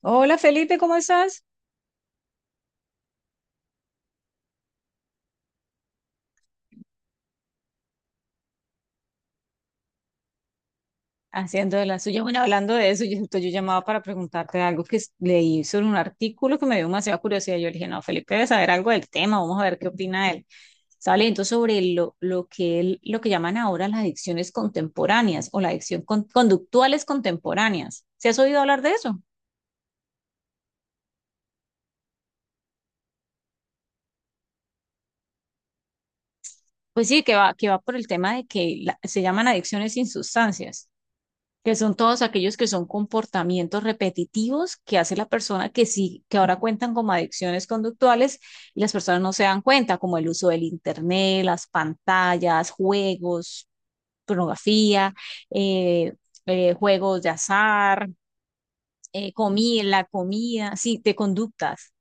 Hola Felipe, ¿cómo estás? Haciendo de la suya. Bueno, hablando de eso, justo yo llamaba para preguntarte algo que leí sobre un artículo que me dio demasiada curiosidad. Yo le dije, no, Felipe debe saber algo del tema, vamos a ver qué opina él. Estaba leyendo sobre lo que llaman ahora las adicciones contemporáneas o la adicción conductuales contemporáneas. ¿Se has oído hablar de eso? Pues sí, que va por el tema de que se llaman adicciones sin sustancias. Que son todos aquellos que son comportamientos repetitivos que hace la persona que sí, que ahora cuentan como adicciones conductuales y las personas no se dan cuenta, como el uso del internet, las pantallas, juegos, pornografía, eh, juegos de azar, comida, la comida, sí, de conductas.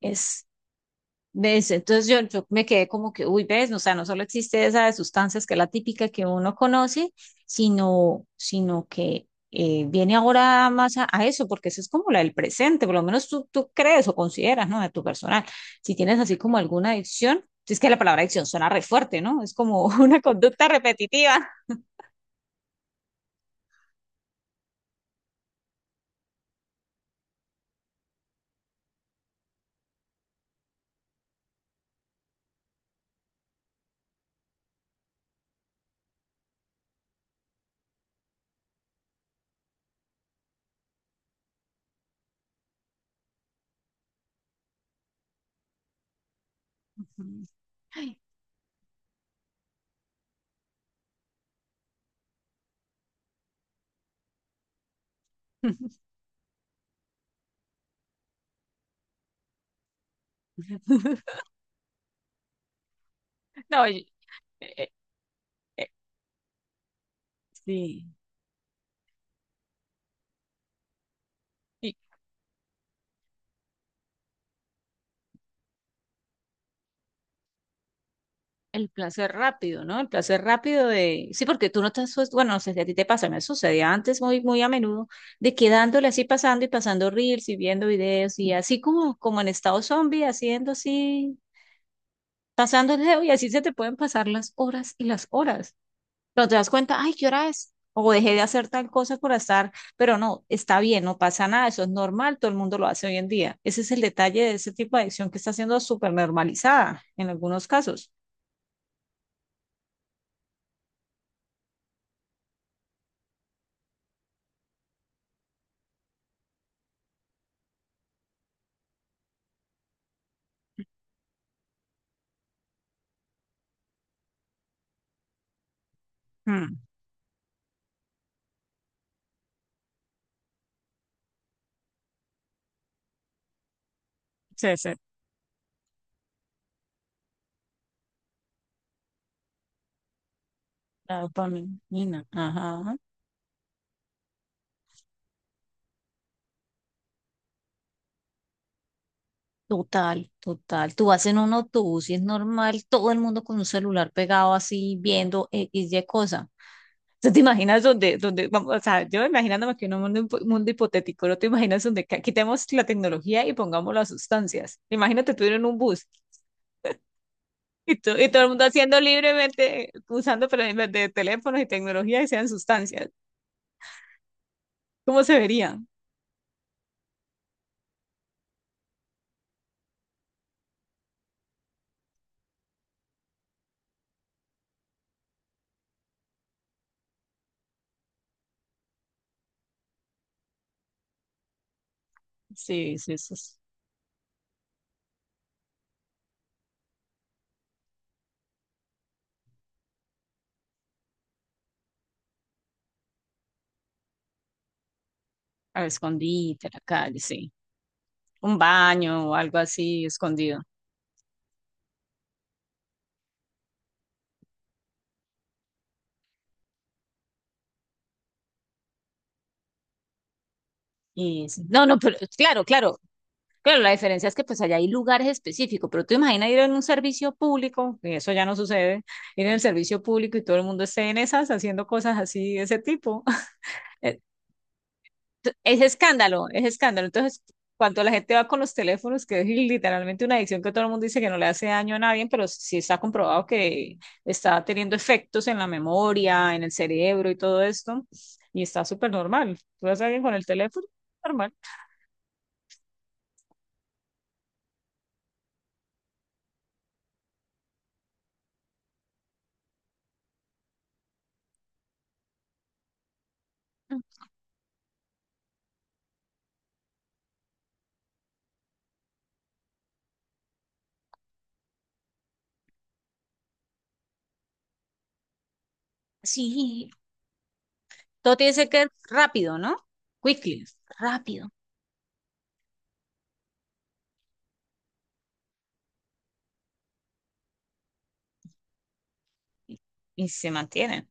Es ¿Ves? Entonces yo me quedé como que, uy, ves, o sea, no solo existe esa de sustancias que es la típica que uno conoce, sino que viene ahora más a eso, porque eso es como la del presente, por lo menos tú crees o consideras, ¿no? De tu personal. Si tienes así como alguna adicción, si es que la palabra adicción suena re fuerte, ¿no? Es como una conducta repetitiva. Ujú. No, eh, eh, eh, sí. El placer rápido, ¿no? El placer rápido de... Sí, porque tú no te asustas, bueno, no sé si a ti te pasa, me sucedía antes muy, muy a menudo, de quedándole así pasando y pasando reels y viendo videos y así como en estado zombie, haciendo así, pasando el dedo y así se te pueden pasar las horas y las horas. Pero te das cuenta, ay, ¿qué hora es? O dejé de hacer tal cosa por estar, pero no, está bien, no pasa nada, eso es normal, todo el mundo lo hace hoy en día. Ese es el detalle de ese tipo de adicción que está siendo súper normalizada en algunos casos. Mm, sí, sí. La dopamina, ajá. Total, total. Tú vas en un autobús y es normal todo el mundo con un celular pegado así viendo X, Y cosa. ¿Tú te imaginas donde, vamos, o sea, yo imaginándome que en un mundo, mundo hipotético, ¿no te imaginas donde quitemos la tecnología y pongamos las sustancias? Imagínate tú ir en un bus y todo el mundo haciendo libremente, usando pero en vez de teléfonos y tecnología y sean sustancias. ¿Cómo se vería? Sí, sí, eso. A la escondite, a la calle, sí. Un baño o algo así escondido. Y sí. No, no, pero claro, claro, claro, la diferencia es que pues allá hay lugares específicos, pero tú imaginas ir en un servicio público, y eso ya no sucede, ir en el servicio público y todo el mundo esté en esas haciendo cosas así de ese tipo. Es escándalo, es escándalo. Entonces, cuando la gente va con los teléfonos, que es literalmente una adicción que todo el mundo dice que no le hace daño a nadie, pero sí está comprobado que está teniendo efectos en la memoria, en el cerebro y todo esto, y está súper normal. Tú vas a alguien con el teléfono, normal. Sí, todo tiene que ser rápido, ¿no? Quickly, rápido. Y se mantiene.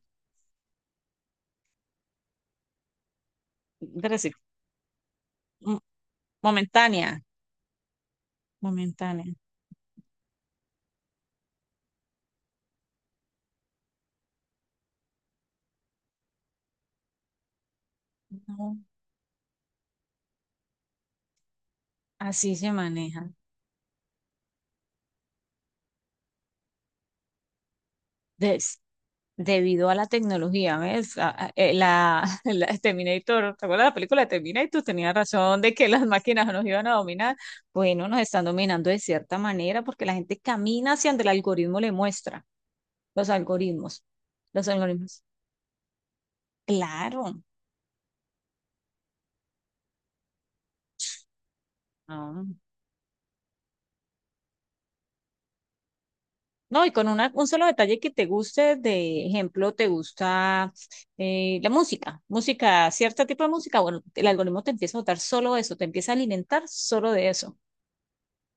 Pero sí, mo- momentánea, momentánea. No, así se maneja. Debido a la tecnología, ¿ves? La Terminator, ¿te acuerdas de la película de Terminator? Tenía razón de que las máquinas nos iban a dominar. Bueno, nos están dominando de cierta manera porque la gente camina hacia donde el algoritmo le muestra. Los algoritmos. Los algoritmos. Claro. No, no, y con un solo detalle que te guste, de ejemplo, te gusta la música, música, cierto tipo de música, bueno, el algoritmo te empieza a votar solo eso, te empieza a alimentar solo de eso.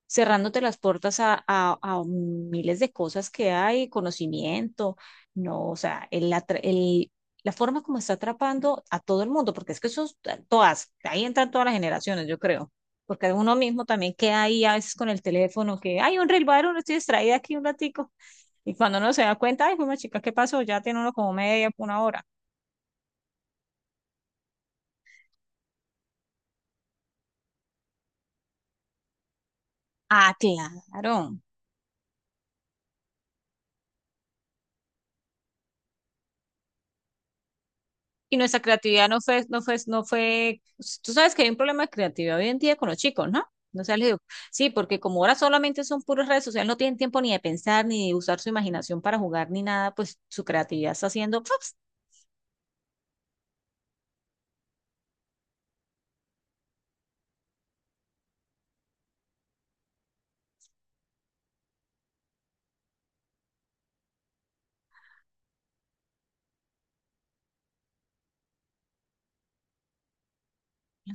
Cerrándote las puertas a, a miles de cosas que hay, conocimiento, no, o sea, la forma como está atrapando a todo el mundo, porque es que eso, todas, ahí entran todas las generaciones, yo creo, porque uno mismo también queda ahí a veces con el teléfono, que hay un reel varón, estoy distraída aquí un ratico, y cuando uno se da cuenta, ay, fue una chica, ¿qué pasó? Ya tiene uno como media, una hora. Ah, claro. Y nuestra creatividad no fue, pues, tú sabes que hay un problema de creatividad hoy en día con los chicos, ¿no? No sé, les digo, sí, porque como ahora solamente son puras redes sociales, no tienen tiempo ni de pensar, ni de usar su imaginación para jugar, ni nada, pues su creatividad está haciendo, pues,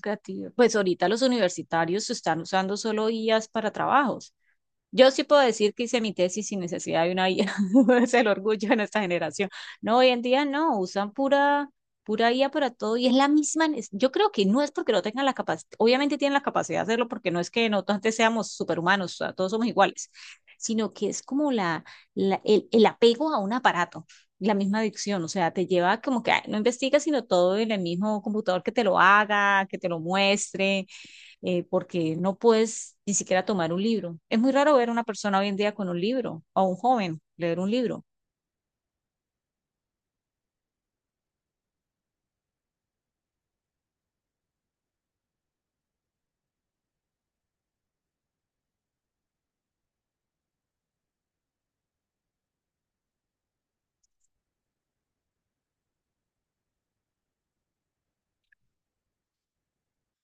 creatividad. Pues ahorita los universitarios están usando solo guías para trabajos. Yo sí puedo decir que hice mi tesis sin necesidad de una guía. Es el orgullo de nuestra generación. No, hoy en día no, usan pura, pura guía para todo y es la misma. Yo creo que no es porque no tengan la capacidad, obviamente tienen la capacidad de hacerlo porque no es que nosotros antes seamos superhumanos, o sea, todos somos iguales, sino que es como el apego a un aparato, la misma adicción, o sea, te lleva como que ay, no investigas, sino todo en el mismo computador que te lo haga, que te lo muestre porque no puedes ni siquiera tomar un libro. Es muy raro ver a una persona hoy en día con un libro, o a un joven leer un libro.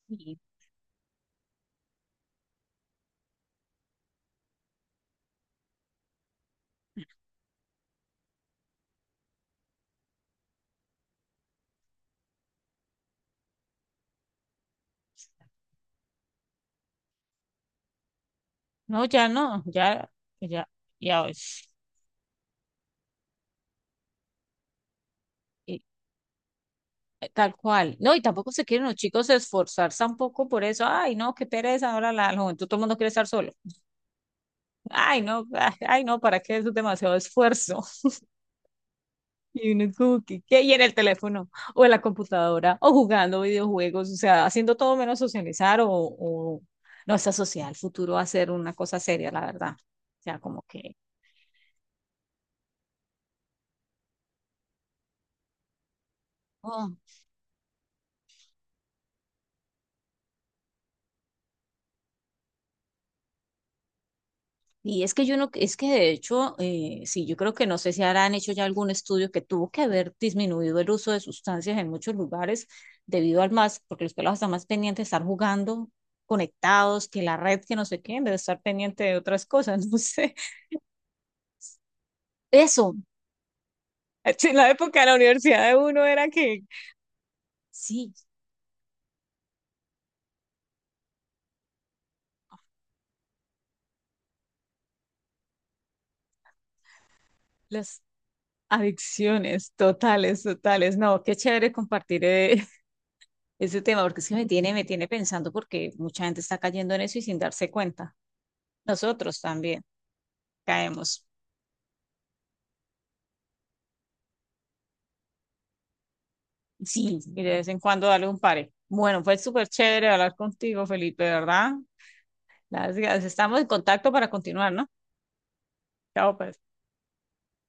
Y, no, ya no, ya, ya, ya, y- tal cual. No, y tampoco se quieren los chicos esforzar tampoco por eso. Ay, no, qué pereza, ahora la juventud, todo el mundo quiere estar solo. Ay, no, ay, ay, no, ¿para qué? Eso es demasiado esfuerzo. Y uno es como que, ¿qué? Y en el teléfono, o en la computadora, o jugando videojuegos, o sea, haciendo todo menos socializar, o no está social, el futuro va a ser una cosa seria, la verdad. O sea, como que. Oh. Y es que yo no, es que de hecho, sí, yo creo que no sé si habrán hecho ya algún estudio que tuvo que haber disminuido el uso de sustancias en muchos lugares debido al más, porque los pelados están más pendientes de estar jugando, conectados, que la red, que no sé qué, en vez de estar pendiente de otras cosas, no sé. Eso. Sí, en la época de la universidad de uno era que sí, las adicciones totales, totales. No, qué chévere compartir ese tema, porque es que me tiene pensando porque mucha gente está cayendo en eso y sin darse cuenta. Nosotros también caemos. Sí, y de vez en cuando darle un pare. Bueno, fue súper chévere hablar contigo, Felipe, ¿verdad? Las, estamos en contacto para continuar, ¿no? Chao, pues.